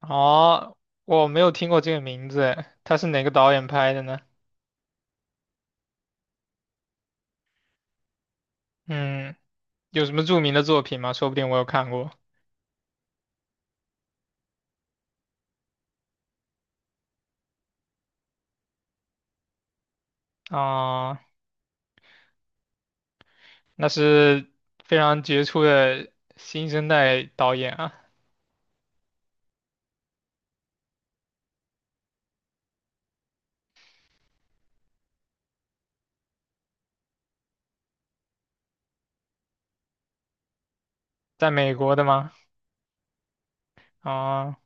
哦，我没有听过这个名字，哎他是哪个导演拍的呢？嗯，有什么著名的作品吗？说不定我有看过。啊、那是非常杰出的新生代导演啊，在美国的吗？啊、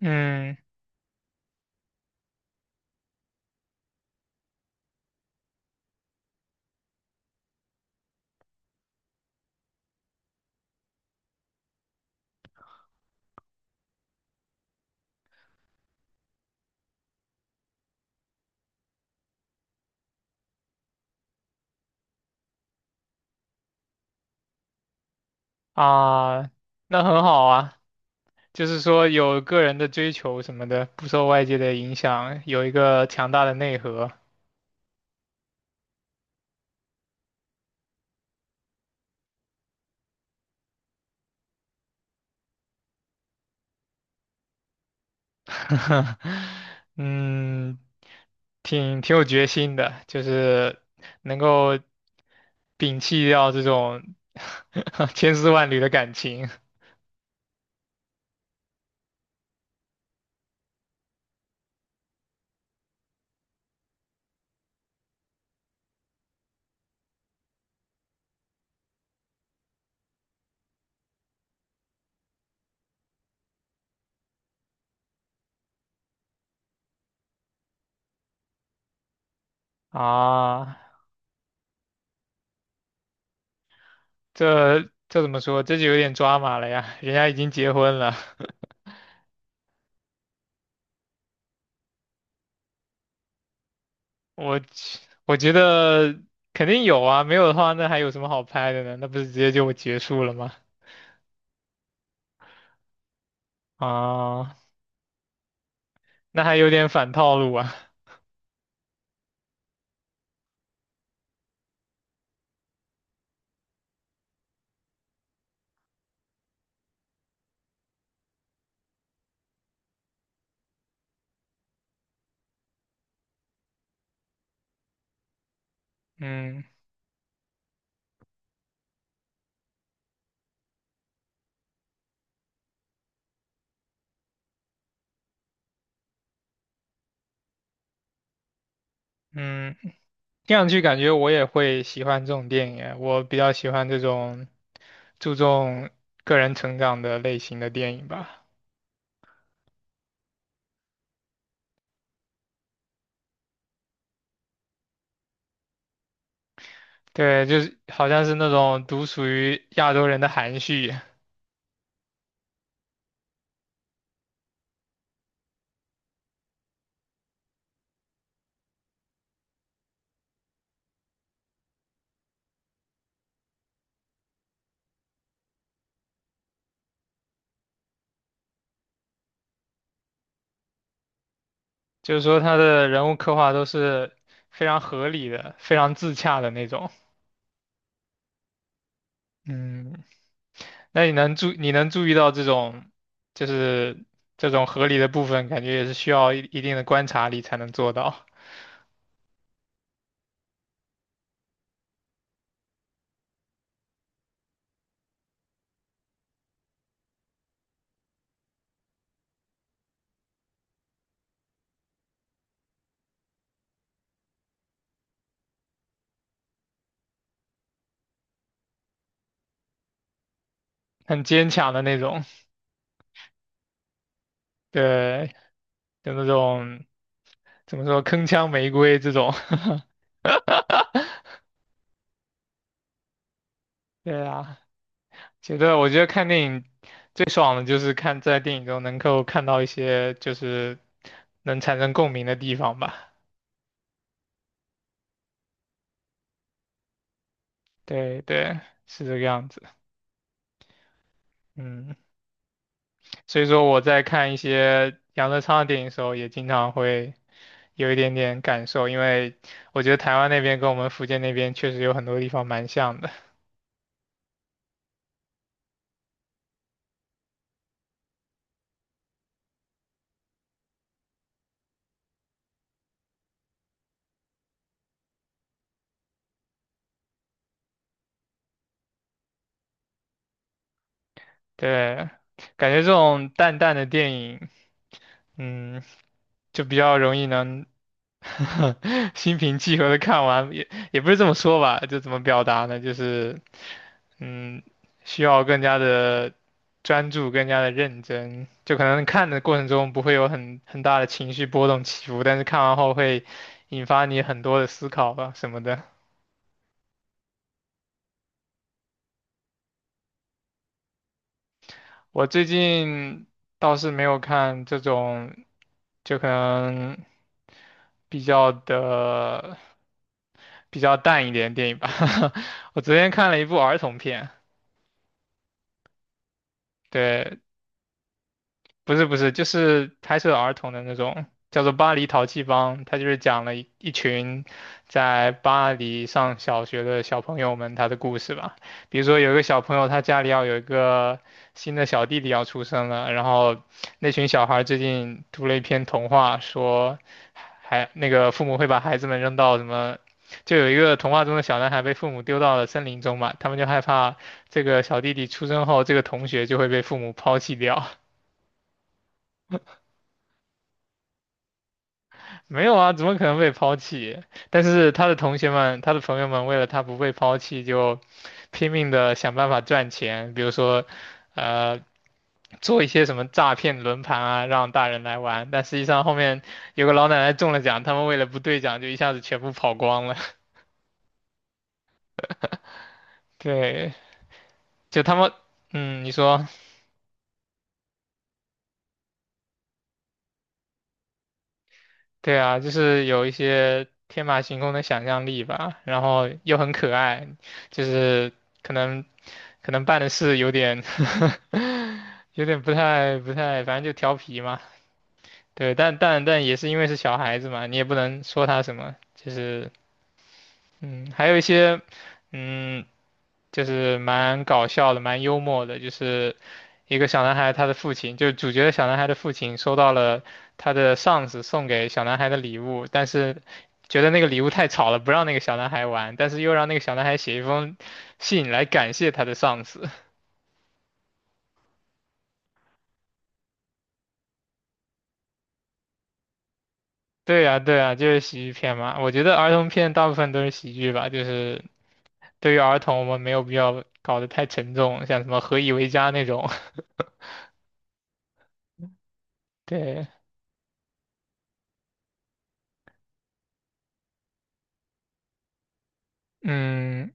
嗯啊，那很好啊，就是说有个人的追求什么的，不受外界的影响，有一个强大的内核。嗯，挺有决心的，就是能够摒弃掉这种 千丝万缕的感情啊，这这怎么说？这就有点抓马了呀，人家已经结婚了，我去我觉得肯定有啊，没有的话那还有什么好拍的呢？那不是直接就结束了吗？啊，那还有点反套路啊，嗯嗯，听上去感觉我也会喜欢这种电影，我比较喜欢这种。注重个人成长的类型的电影吧。对，就是好像是那种独属于亚洲人的含蓄，就是说他的人物刻画都是非常合理的、非常自洽的那种。嗯，那你能注你能注意到这种，就是这种合理的部分，感觉也是需要一定的观察力才能做到，很坚强的那种。对，就那种怎么说铿锵玫瑰这种。对啊，我觉得看电影最爽的就是看在电影中能够看到一些就是能产生共鸣的地方吧。对对，是这个样子。嗯，所以说我在看一些杨德昌的电影的时候，也经常会有一点点感受，因为我觉得台湾那边跟我们福建那边确实有很多地方蛮像的。对，感觉这种淡淡的电影，嗯，就比较容易能 心平气和的看完，也不是这么说吧，就怎么表达呢？就是，嗯，需要更加的专注，更加的认真，就可能看的过程中不会有很大的情绪波动起伏，但是看完后会引发你很多的思考吧，什么的。我最近倒是没有看这种，就可能比较的比较淡一点的电影吧。我昨天看了一部儿童片，对，不是，就是拍摄儿童的那种，叫做《巴黎淘气帮》，他就是讲了一群在巴黎上小学的小朋友们他的故事吧。比如说有一个小朋友，他家里要有一个新的小弟弟要出生了，然后那群小孩最近读了一篇童话，说还那个父母会把孩子们扔到什么。就有一个童话中的小男孩被父母丢到了森林中嘛，他们就害怕这个小弟弟出生后，这个同学就会被父母抛弃掉。没有啊，怎么可能被抛弃？但是他的同学们、他的朋友们为了他不被抛弃，就拼命的想办法赚钱，比如说，呃，做一些什么诈骗轮盘啊，让大人来玩。但实际上后面有个老奶奶中了奖，他们为了不兑奖，就一下子全部跑光了。对，就他们，嗯，你说。对啊，就是有一些天马行空的想象力吧，然后又很可爱，就是可能可能办的事有点 有点不太，反正就调皮嘛。对，但也是因为是小孩子嘛，你也不能说他什么，就是嗯，还有一些嗯就是蛮搞笑的，蛮幽默的，就是一个小男孩他的父亲，就是主角的小男孩的父亲收到了他的上司送给小男孩的礼物，但是觉得那个礼物太吵了，不让那个小男孩玩，但是又让那个小男孩写一封信来感谢他的上司。对呀，对呀，就是喜剧片嘛。我觉得儿童片大部分都是喜剧吧，就是对于儿童，我们没有必要搞得太沉重，像什么《何以为家》那种。对，嗯。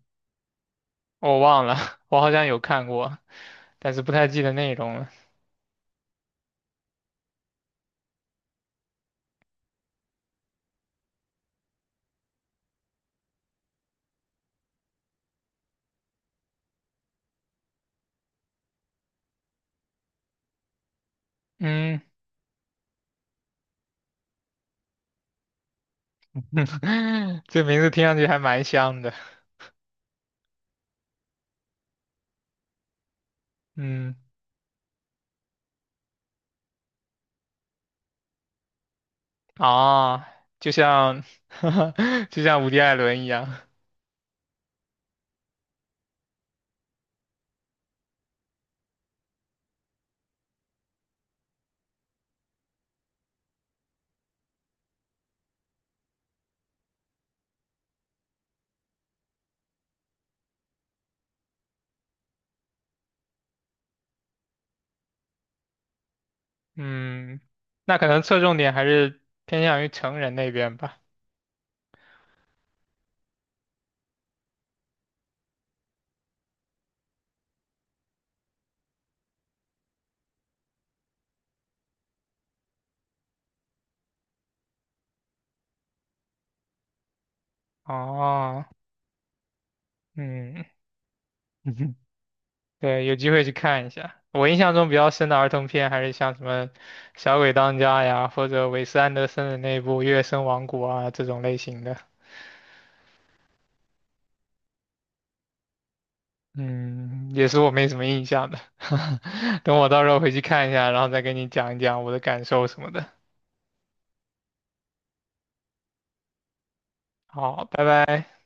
我忘了，我好像有看过，但是不太记得内容了。嗯，这名字听上去还蛮香的。嗯，啊，就像，就像伍迪·艾伦一样。嗯，那可能侧重点还是偏向于成人那边吧。哦，嗯，对，有机会去看一下。我印象中比较深的儿童片还是像什么《小鬼当家》呀，或者韦斯安德森的那部《月升王国》啊这种类型的。嗯，也是我没什么印象的，等我到时候回去看一下，然后再跟你讲一讲我的感受什么的。好，拜拜。